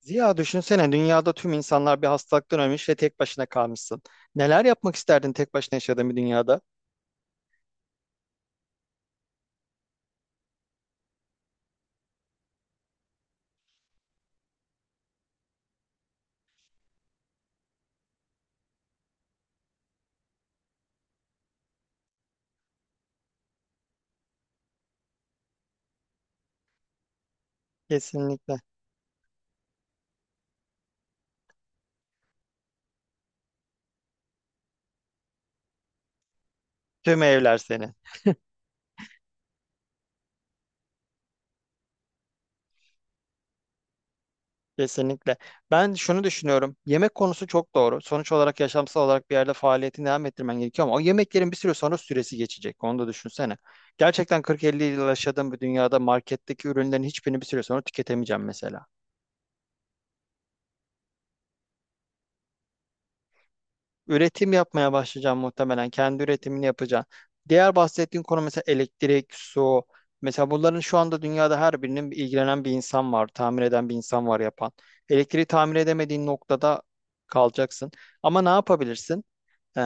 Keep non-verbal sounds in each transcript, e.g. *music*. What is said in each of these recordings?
Ziya, düşünsene, dünyada tüm insanlar bir hastalıktan ölmüş ve tek başına kalmışsın. Neler yapmak isterdin tek başına yaşadığın bir dünyada? Kesinlikle. Tüm evler senin. Kesinlikle. Ben şunu düşünüyorum. Yemek konusu çok doğru. Sonuç olarak yaşamsal olarak bir yerde faaliyetini devam ettirmen gerekiyor ama o yemeklerin bir süre sonra süresi geçecek. Onu da düşünsene. Gerçekten 40-50 yıl yaşadığım bir dünyada marketteki ürünlerin hiçbirini bir süre sonra tüketemeyeceğim mesela. Üretim yapmaya başlayacağım muhtemelen. Kendi üretimini yapacağım. Diğer bahsettiğin konu mesela elektrik, su. Mesela bunların şu anda dünyada her birinin bir ilgilenen bir insan var, tamir eden bir insan var, yapan. Elektriği tamir edemediğin noktada kalacaksın. Ama ne yapabilirsin? Ee,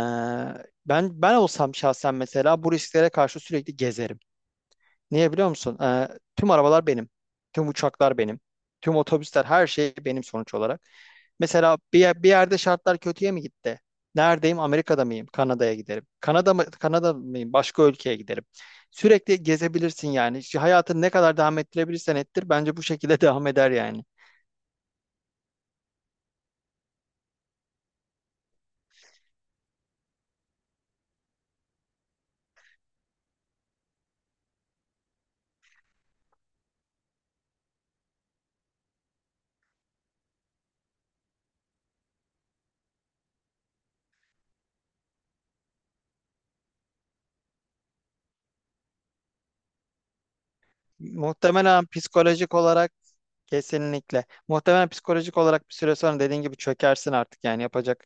ben olsam şahsen mesela bu risklere karşı sürekli gezerim. Niye biliyor musun? Tüm arabalar benim. Tüm uçaklar benim. Tüm otobüsler, her şey benim sonuç olarak. Mesela bir, bir yerde şartlar kötüye mi gitti? Neredeyim? Amerika'da mıyım? Kanada'ya giderim. Kanada mı, Kanada mıyım? Başka ülkeye giderim. Sürekli gezebilirsin yani. Şu hayatını ne kadar devam ettirebilirsen ettir. Bence bu şekilde *laughs* devam eder yani. Muhtemelen psikolojik olarak kesinlikle. Muhtemelen psikolojik olarak bir süre sonra dediğin gibi çökersin artık yani yapacak.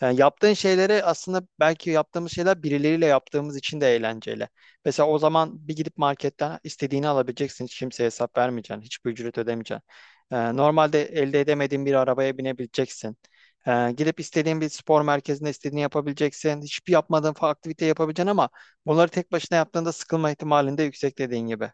Yani yaptığın şeyleri aslında belki yaptığımız şeyler birileriyle yaptığımız için de eğlenceli. Mesela o zaman bir gidip marketten istediğini alabileceksin. Hiç kimseye hesap vermeyeceksin. Hiçbir ücret ödemeyeceksin. Normalde elde edemediğin bir arabaya binebileceksin. Gidip istediğin bir spor merkezinde istediğini yapabileceksin. Hiçbir yapmadığın aktivite yapabileceksin ama bunları tek başına yaptığında sıkılma ihtimalinde yüksek dediğin gibi.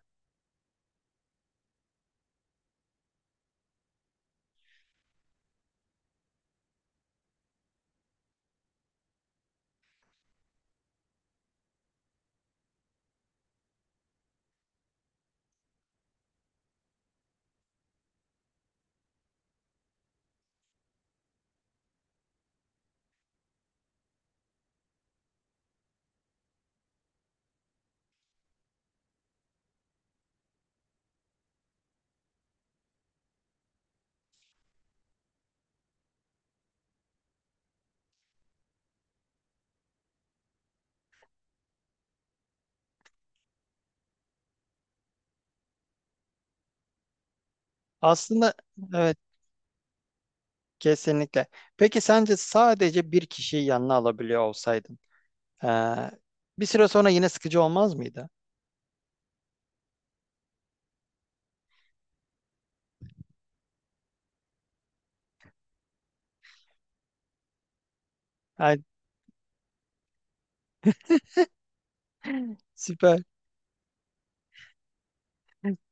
Aslında evet, kesinlikle. Peki sence sadece bir kişiyi yanına alabiliyor olsaydın eee, bir süre sonra yine sıkıcı olmaz mıydı? Yani süper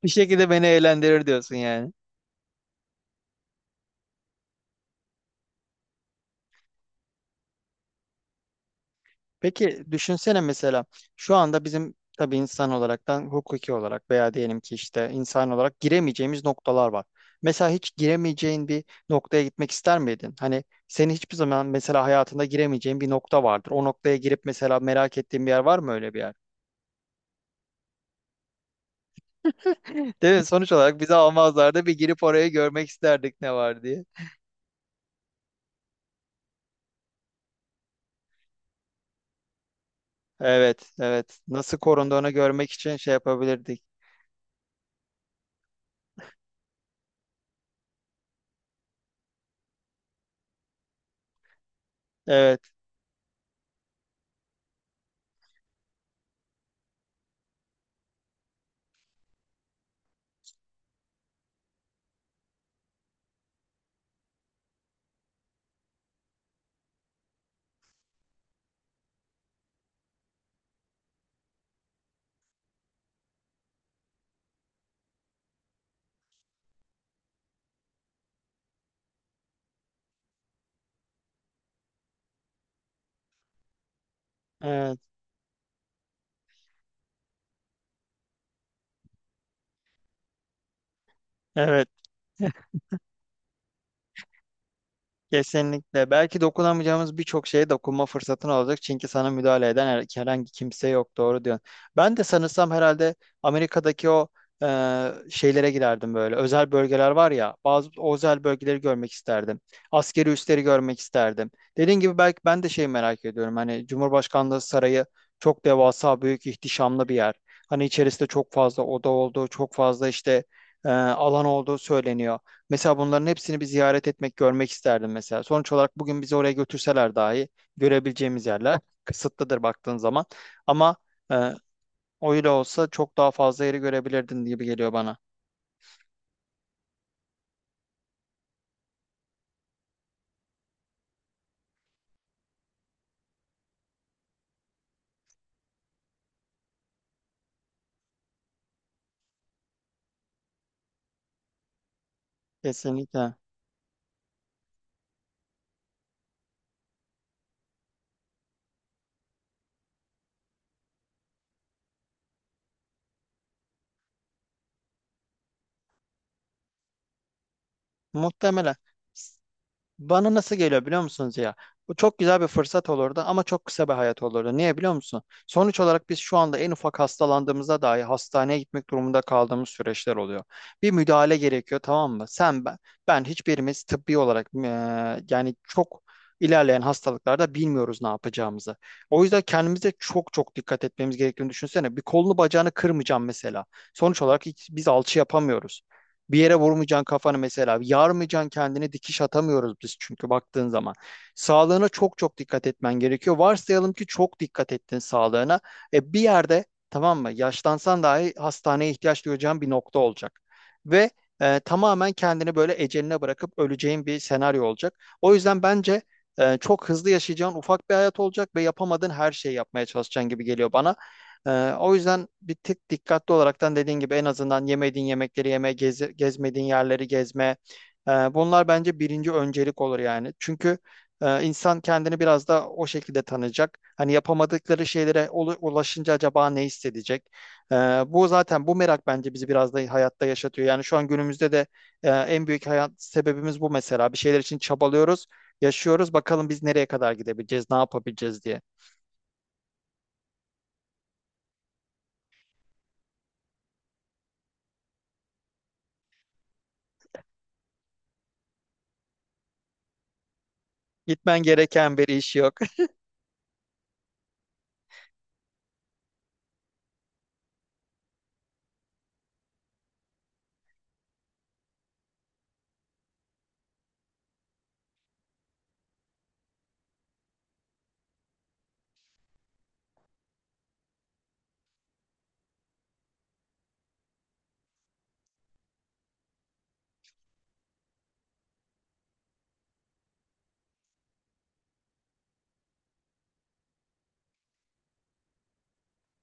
bir şekilde beni eğlendirir diyorsun yani. Peki düşünsene mesela şu anda bizim tabii insan olaraktan hukuki olarak veya diyelim ki işte insan olarak giremeyeceğimiz noktalar var. Mesela hiç giremeyeceğin bir noktaya gitmek ister miydin? Hani senin hiçbir zaman mesela hayatında giremeyeceğin bir nokta vardır. O noktaya girip mesela merak ettiğin bir yer var mı, öyle bir yer? Değil mi? Sonuç olarak bizi almazlardı. Bir girip orayı görmek isterdik ne var diye. Evet, evet. Nasıl korunduğunu görmek için şey yapabilirdik. Evet, evet, evet. Kesinlikle. Belki dokunamayacağımız birçok şeye dokunma fırsatın olacak. Çünkü sana müdahale eden herhangi kimse yok. Doğru diyorsun. Ben de sanırsam herhalde Amerika'daki o e, şeylere girerdim böyle. Özel bölgeler var ya. Bazı o özel bölgeleri görmek isterdim. Askeri üsleri görmek isterdim. Dediğin gibi belki ben de şeyi merak ediyorum. Hani Cumhurbaşkanlığı Sarayı çok devasa, büyük, ihtişamlı bir yer. Hani içerisinde çok fazla oda olduğu, çok fazla işte alan olduğu söyleniyor. Mesela bunların hepsini bir ziyaret etmek, görmek isterdim mesela. Sonuç olarak bugün bizi oraya götürseler dahi görebileceğimiz yerler *laughs* kısıtlıdır baktığın zaman. Ama e, o olsa çok daha fazla yeri görebilirdin gibi geliyor bana. Kesinlikle. Muhtemelen. Bana nasıl geliyor biliyor musunuz ya? Bu çok güzel bir fırsat olurdu ama çok kısa bir hayat olurdu. Niye biliyor musun? Sonuç olarak biz şu anda en ufak hastalandığımızda dahi hastaneye gitmek durumunda kaldığımız süreçler oluyor. Bir müdahale gerekiyor, tamam mı? Sen ben, hiçbirimiz tıbbi olarak yani çok ilerleyen hastalıklarda bilmiyoruz ne yapacağımızı. O yüzden kendimize çok çok dikkat etmemiz gerektiğini düşünsene. Bir kolunu bacağını kırmayacağım mesela. Sonuç olarak hiç, biz alçı yapamıyoruz. Bir yere vurmayacaksın kafanı mesela. Yarmayacaksın kendini, dikiş atamıyoruz biz çünkü baktığın zaman. Sağlığına çok çok dikkat etmen gerekiyor. Varsayalım ki çok dikkat ettin sağlığına. E, bir yerde, tamam mı? Yaşlansan dahi hastaneye ihtiyaç duyacağın bir nokta olacak. Ve tamamen kendini böyle eceline bırakıp öleceğin bir senaryo olacak. O yüzden bence çok hızlı yaşayacağın ufak bir hayat olacak ve yapamadığın her şeyi yapmaya çalışacaksın gibi geliyor bana. O yüzden bir tık dikkatli olaraktan dediğin gibi en azından yemediğin yemekleri yeme, gezmediğin yerleri gezme. Bunlar bence birinci öncelik olur yani. Çünkü insan kendini biraz da o şekilde tanıyacak. Hani yapamadıkları şeylere ulaşınca acaba ne hissedecek? Ee, bu zaten, bu merak bence bizi biraz da hayatta yaşatıyor. Yani şu an günümüzde de en büyük hayat sebebimiz bu mesela. Bir şeyler için çabalıyoruz, yaşıyoruz. Bakalım biz nereye kadar gidebileceğiz, ne yapabileceğiz diye. Gitmen gereken bir iş yok.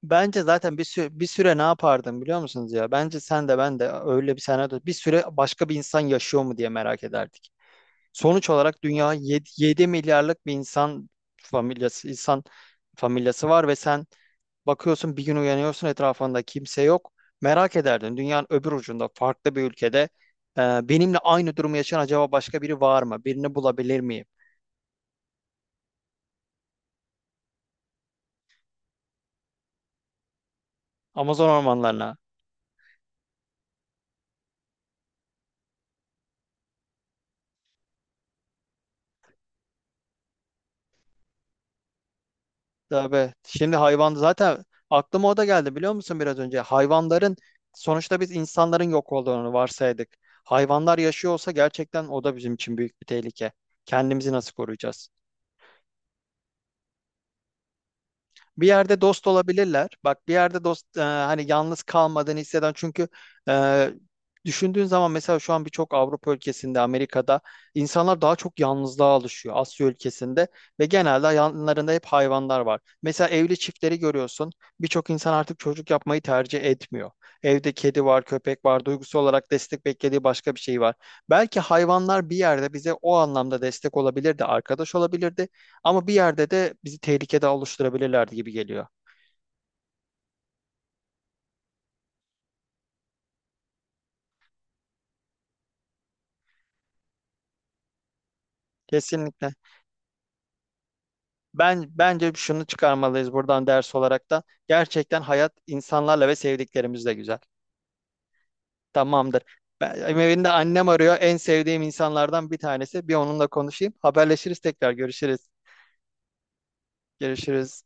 Bence zaten bir süre ne yapardım biliyor musunuz ya? Bence sen de ben de öyle bir senaryo bir süre başka bir insan yaşıyor mu diye merak ederdik. Sonuç olarak dünya 7 milyarlık bir insan insan familyası var ve sen bakıyorsun, bir gün uyanıyorsun, etrafında kimse yok. Merak ederdin, dünyanın öbür ucunda farklı bir ülkede benimle aynı durumu yaşayan acaba başka biri var mı? Birini bulabilir miyim? Amazon ormanlarına. Tabii. Şimdi hayvan zaten aklıma o da geldi biliyor musun biraz önce? Hayvanların, sonuçta biz insanların yok olduğunu varsaydık. Hayvanlar yaşıyor olsa gerçekten o da bizim için büyük bir tehlike. Kendimizi nasıl koruyacağız? Bir yerde dost olabilirler. Bak, bir yerde dost hani yalnız kalmadığını hisseden, çünkü e, düşündüğün zaman mesela şu an birçok Avrupa ülkesinde, Amerika'da insanlar daha çok yalnızlığa alışıyor, Asya ülkesinde ve genelde yanlarında hep hayvanlar var. Mesela evli çiftleri görüyorsun. Birçok insan artık çocuk yapmayı tercih etmiyor. Evde kedi var, köpek var. Duygusu olarak destek beklediği başka bir şey var. Belki hayvanlar bir yerde bize o anlamda destek olabilirdi, arkadaş olabilirdi. Ama bir yerde de bizi tehlikede oluşturabilirlerdi gibi geliyor. Kesinlikle. Ben, bence şunu çıkarmalıyız buradan ders olarak da. Gerçekten hayat insanlarla ve sevdiklerimizle güzel. Tamamdır. Benim annem arıyor. En sevdiğim insanlardan bir tanesi. Bir onunla konuşayım. Haberleşiriz tekrar. Görüşürüz. Görüşürüz.